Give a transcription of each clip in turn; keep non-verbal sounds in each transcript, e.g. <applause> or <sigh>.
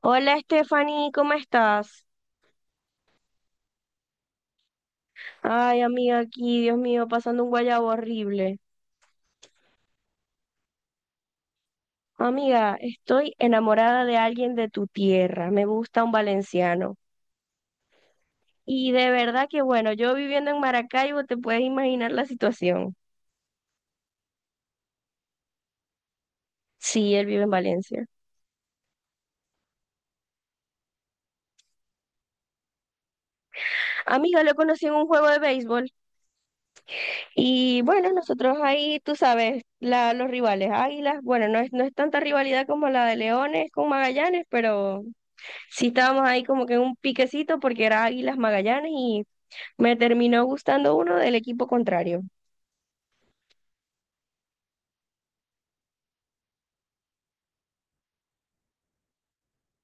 Hola Stephanie, ¿cómo estás? Ay, amiga, aquí, Dios mío, pasando un guayabo horrible. Amiga, estoy enamorada de alguien de tu tierra, me gusta un valenciano. Y de verdad que bueno, yo viviendo en Maracaibo, te puedes imaginar la situación. Sí, él vive en Valencia. Amiga, lo conocí en un juego de béisbol y bueno, nosotros ahí, tú sabes, los rivales, Águilas, bueno, no es tanta rivalidad como la de Leones con Magallanes, pero... Sí, estábamos ahí como que en un piquecito porque era Águilas Magallanes y me terminó gustando uno del equipo contrario.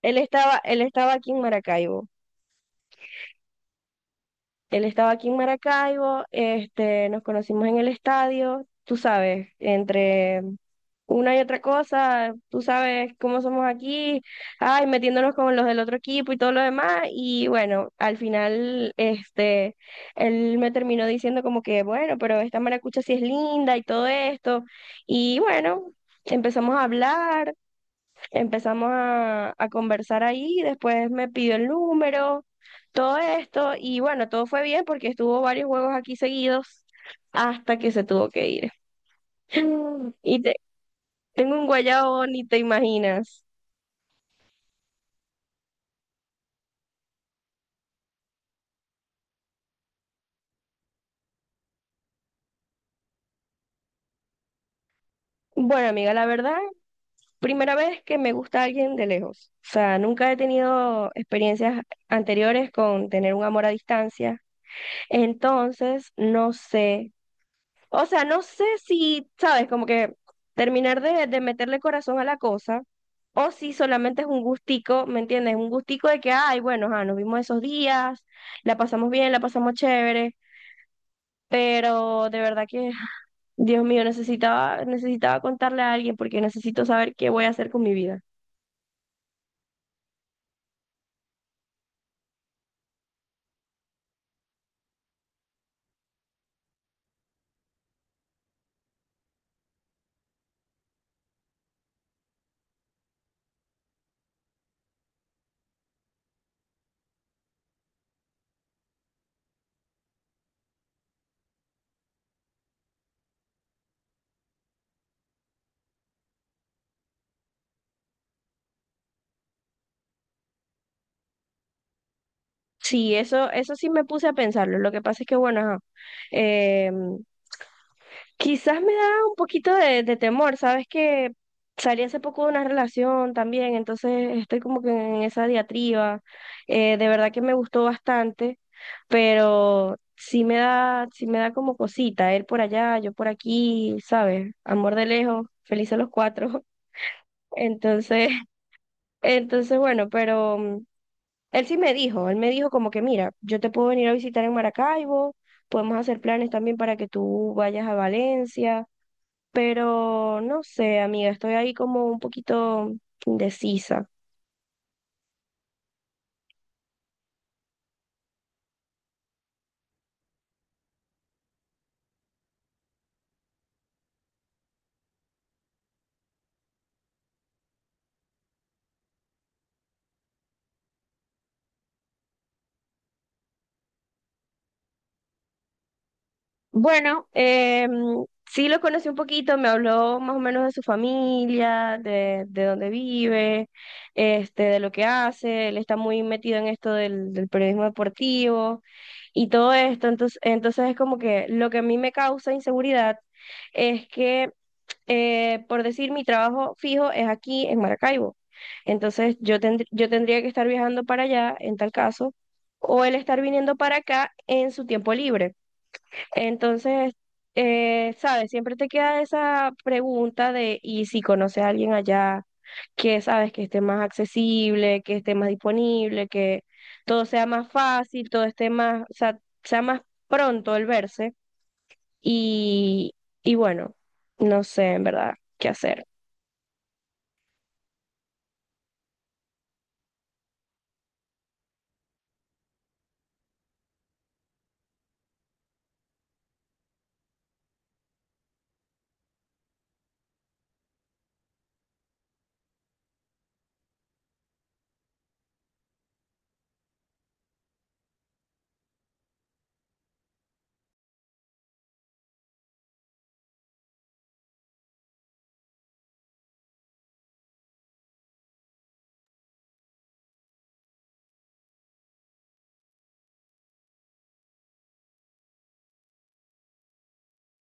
Él estaba aquí en Maracaibo. Él estaba aquí en Maracaibo, este, nos conocimos en el estadio, tú sabes, entre una y otra cosa, tú sabes cómo somos aquí, ay, metiéndonos con los del otro equipo y todo lo demás, y bueno, al final, este, él me terminó diciendo como que, bueno, pero esta maracucha sí es linda y todo esto, y bueno, empezamos a hablar. Empezamos a conversar ahí, después me pidió el número, todo esto, y bueno, todo fue bien porque estuvo varios juegos aquí seguidos hasta que se tuvo que ir. <laughs> Y te- Tengo un guayabo, ni te imaginas. Bueno, amiga, la verdad, primera vez que me gusta alguien de lejos. O sea, nunca he tenido experiencias anteriores con tener un amor a distancia. Entonces, no sé. O sea, no sé si, sabes, como que terminar de meterle corazón a la cosa, o si solamente es un gustico, ¿me entiendes? Un gustico de que, ay, bueno, ajá, nos vimos esos días, la pasamos bien, la pasamos chévere, pero de verdad que, Dios mío, necesitaba contarle a alguien porque necesito saber qué voy a hacer con mi vida. Sí, eso sí me puse a pensarlo. Lo que pasa es que, bueno, ajá, em, quizás me da un poquito de temor, sabes que salí hace poco de una relación también, entonces estoy como que en esa diatriba. De verdad que me gustó bastante, pero sí me da como cosita, él por allá, yo por aquí, ¿sabes? Amor de lejos, felices los cuatro. <laughs> Entonces, entonces bueno, pero él sí me dijo, él me dijo como que, mira, yo te puedo venir a visitar en Maracaibo, podemos hacer planes también para que tú vayas a Valencia, pero no sé, amiga, estoy ahí como un poquito indecisa. Bueno, sí lo conocí un poquito, me habló más o menos de su familia, de dónde vive, este, de lo que hace, él está muy metido en esto del periodismo deportivo y todo esto, entonces, entonces es como que lo que a mí me causa inseguridad es que, por decir, mi trabajo fijo es aquí en Maracaibo, entonces yo tendría que estar viajando para allá en tal caso, o él estar viniendo para acá en su tiempo libre. Entonces, sabes, siempre te queda esa pregunta de, ¿y si conoces a alguien allá que sabes que esté más accesible, que esté más disponible, que todo sea más fácil, todo esté más, o sea, sea más pronto el verse? Y, y bueno, no sé en verdad qué hacer.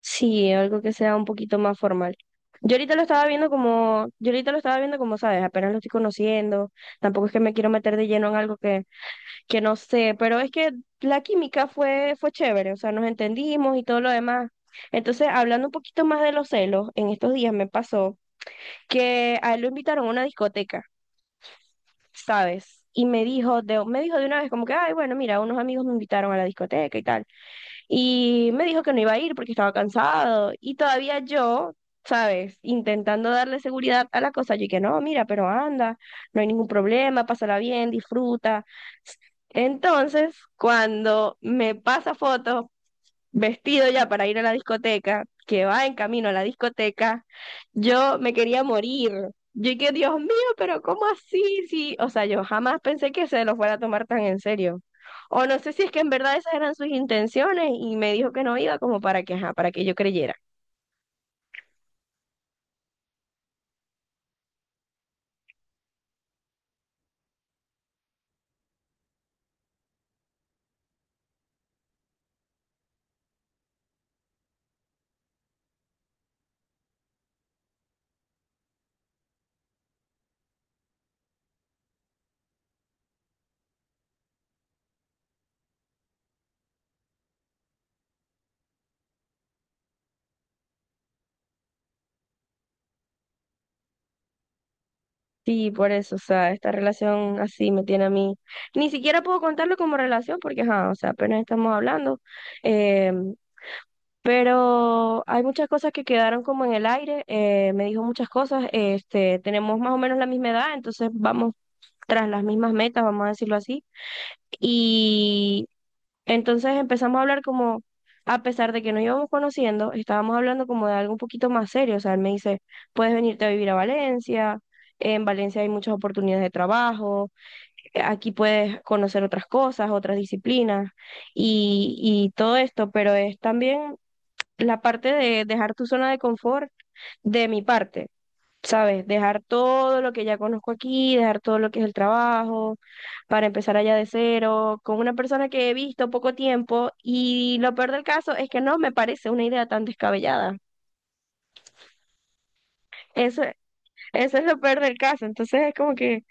Sí, algo que sea un poquito más formal. Yo ahorita lo estaba viendo como, sabes, apenas lo estoy conociendo, tampoco es que me quiero meter de lleno en algo que no sé, pero es que la química fue chévere, o sea, nos entendimos y todo lo demás. Entonces, hablando un poquito más de los celos, en estos días me pasó que a él lo invitaron a una discoteca, ¿sabes? Y me dijo de una vez como que, ay, bueno, mira, unos amigos me invitaron a la discoteca y tal y me dijo que no iba a ir porque estaba cansado y todavía yo, ¿sabes? Intentando darle seguridad a la cosa, yo dije, no, mira, pero anda, no hay ningún problema, pásala bien, disfruta. Entonces, cuando me pasa fotos vestido ya para ir a la discoteca, que va en camino a la discoteca, yo me quería morir. Yo dije, Dios mío, pero ¿cómo así? Sí, o sea, yo jamás pensé que se lo fuera a tomar tan en serio. O no sé si es que en verdad esas eran sus intenciones y me dijo que no iba como para que, ajá, para que yo creyera. Sí, por eso, o sea, esta relación así me tiene a mí. Ni siquiera puedo contarlo como relación porque, ajá, o sea, apenas estamos hablando. eh, Pero hay muchas cosas que quedaron como en el aire. Me dijo muchas cosas. Este, tenemos más o menos la misma edad, entonces vamos tras las mismas metas, vamos a decirlo así. Y entonces empezamos a hablar como, a pesar de que nos íbamos conociendo, estábamos hablando como de algo un poquito más serio. O sea, él me dice, puedes venirte a vivir a Valencia, en Valencia hay muchas oportunidades de trabajo, aquí puedes conocer otras cosas, otras disciplinas y todo esto, pero es también la parte de dejar tu zona de confort de mi parte, ¿sabes? Dejar todo lo que ya conozco aquí, dejar todo lo que es el trabajo, para empezar allá de cero, con una persona que he visto poco tiempo y lo peor del caso es que no me parece una idea tan descabellada. Eso, eso es lo peor del caso. Entonces es como que,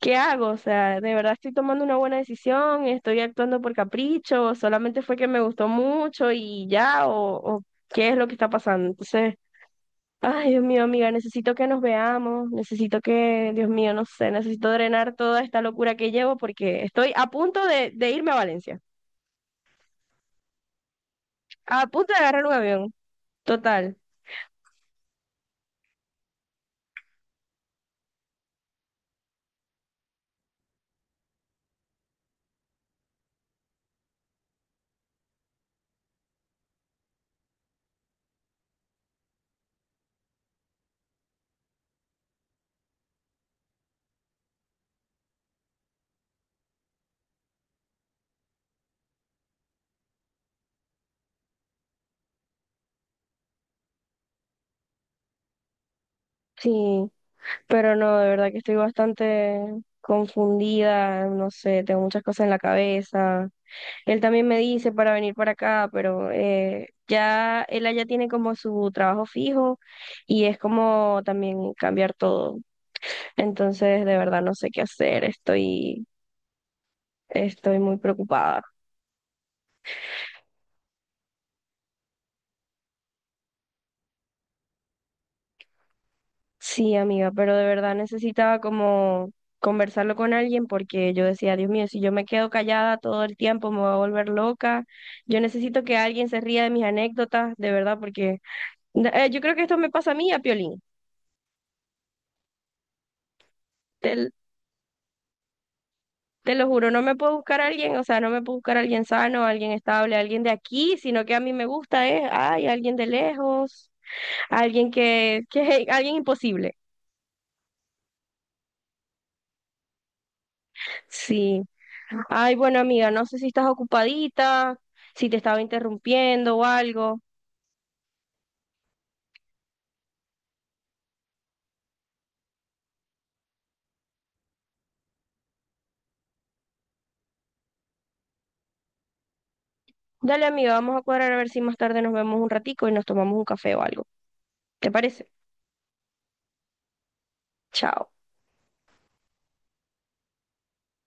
¿qué hago? O sea, ¿de verdad estoy tomando una buena decisión? ¿Estoy actuando por capricho? ¿O solamente fue que me gustó mucho y ya? O qué es lo que está pasando? Entonces... Ay, Dios mío, amiga, necesito que nos veamos, necesito que, Dios mío, no sé, necesito drenar toda esta locura que llevo porque estoy a punto de irme a Valencia, a punto de agarrar un avión, total. Sí, pero no, de verdad que estoy bastante confundida, no sé, tengo muchas cosas en la cabeza. Él también me dice para venir para acá, pero ya él allá tiene como su trabajo fijo y es como también cambiar todo. Entonces, de verdad no sé qué hacer, estoy muy preocupada. Sí, amiga, pero de verdad necesitaba como conversarlo con alguien porque yo decía, Dios mío, si yo me quedo callada todo el tiempo me voy a volver loca. Yo necesito que alguien se ría de mis anécdotas, de verdad, porque yo creo que esto me pasa a mí, a Piolín. Te, te lo juro, no me puedo buscar a alguien, o sea, no me puedo buscar a alguien sano, alguien estable, alguien de aquí, sino que a mí me gusta, ¿eh? Ay, alguien de lejos, alguien que <laughs> alguien imposible. Sí. Ay, bueno, amiga, no sé si estás ocupadita, si te estaba interrumpiendo o algo. Dale, amiga, vamos a cuadrar a ver si más tarde nos vemos un ratico y nos tomamos un café o algo. ¿Te parece? Chao.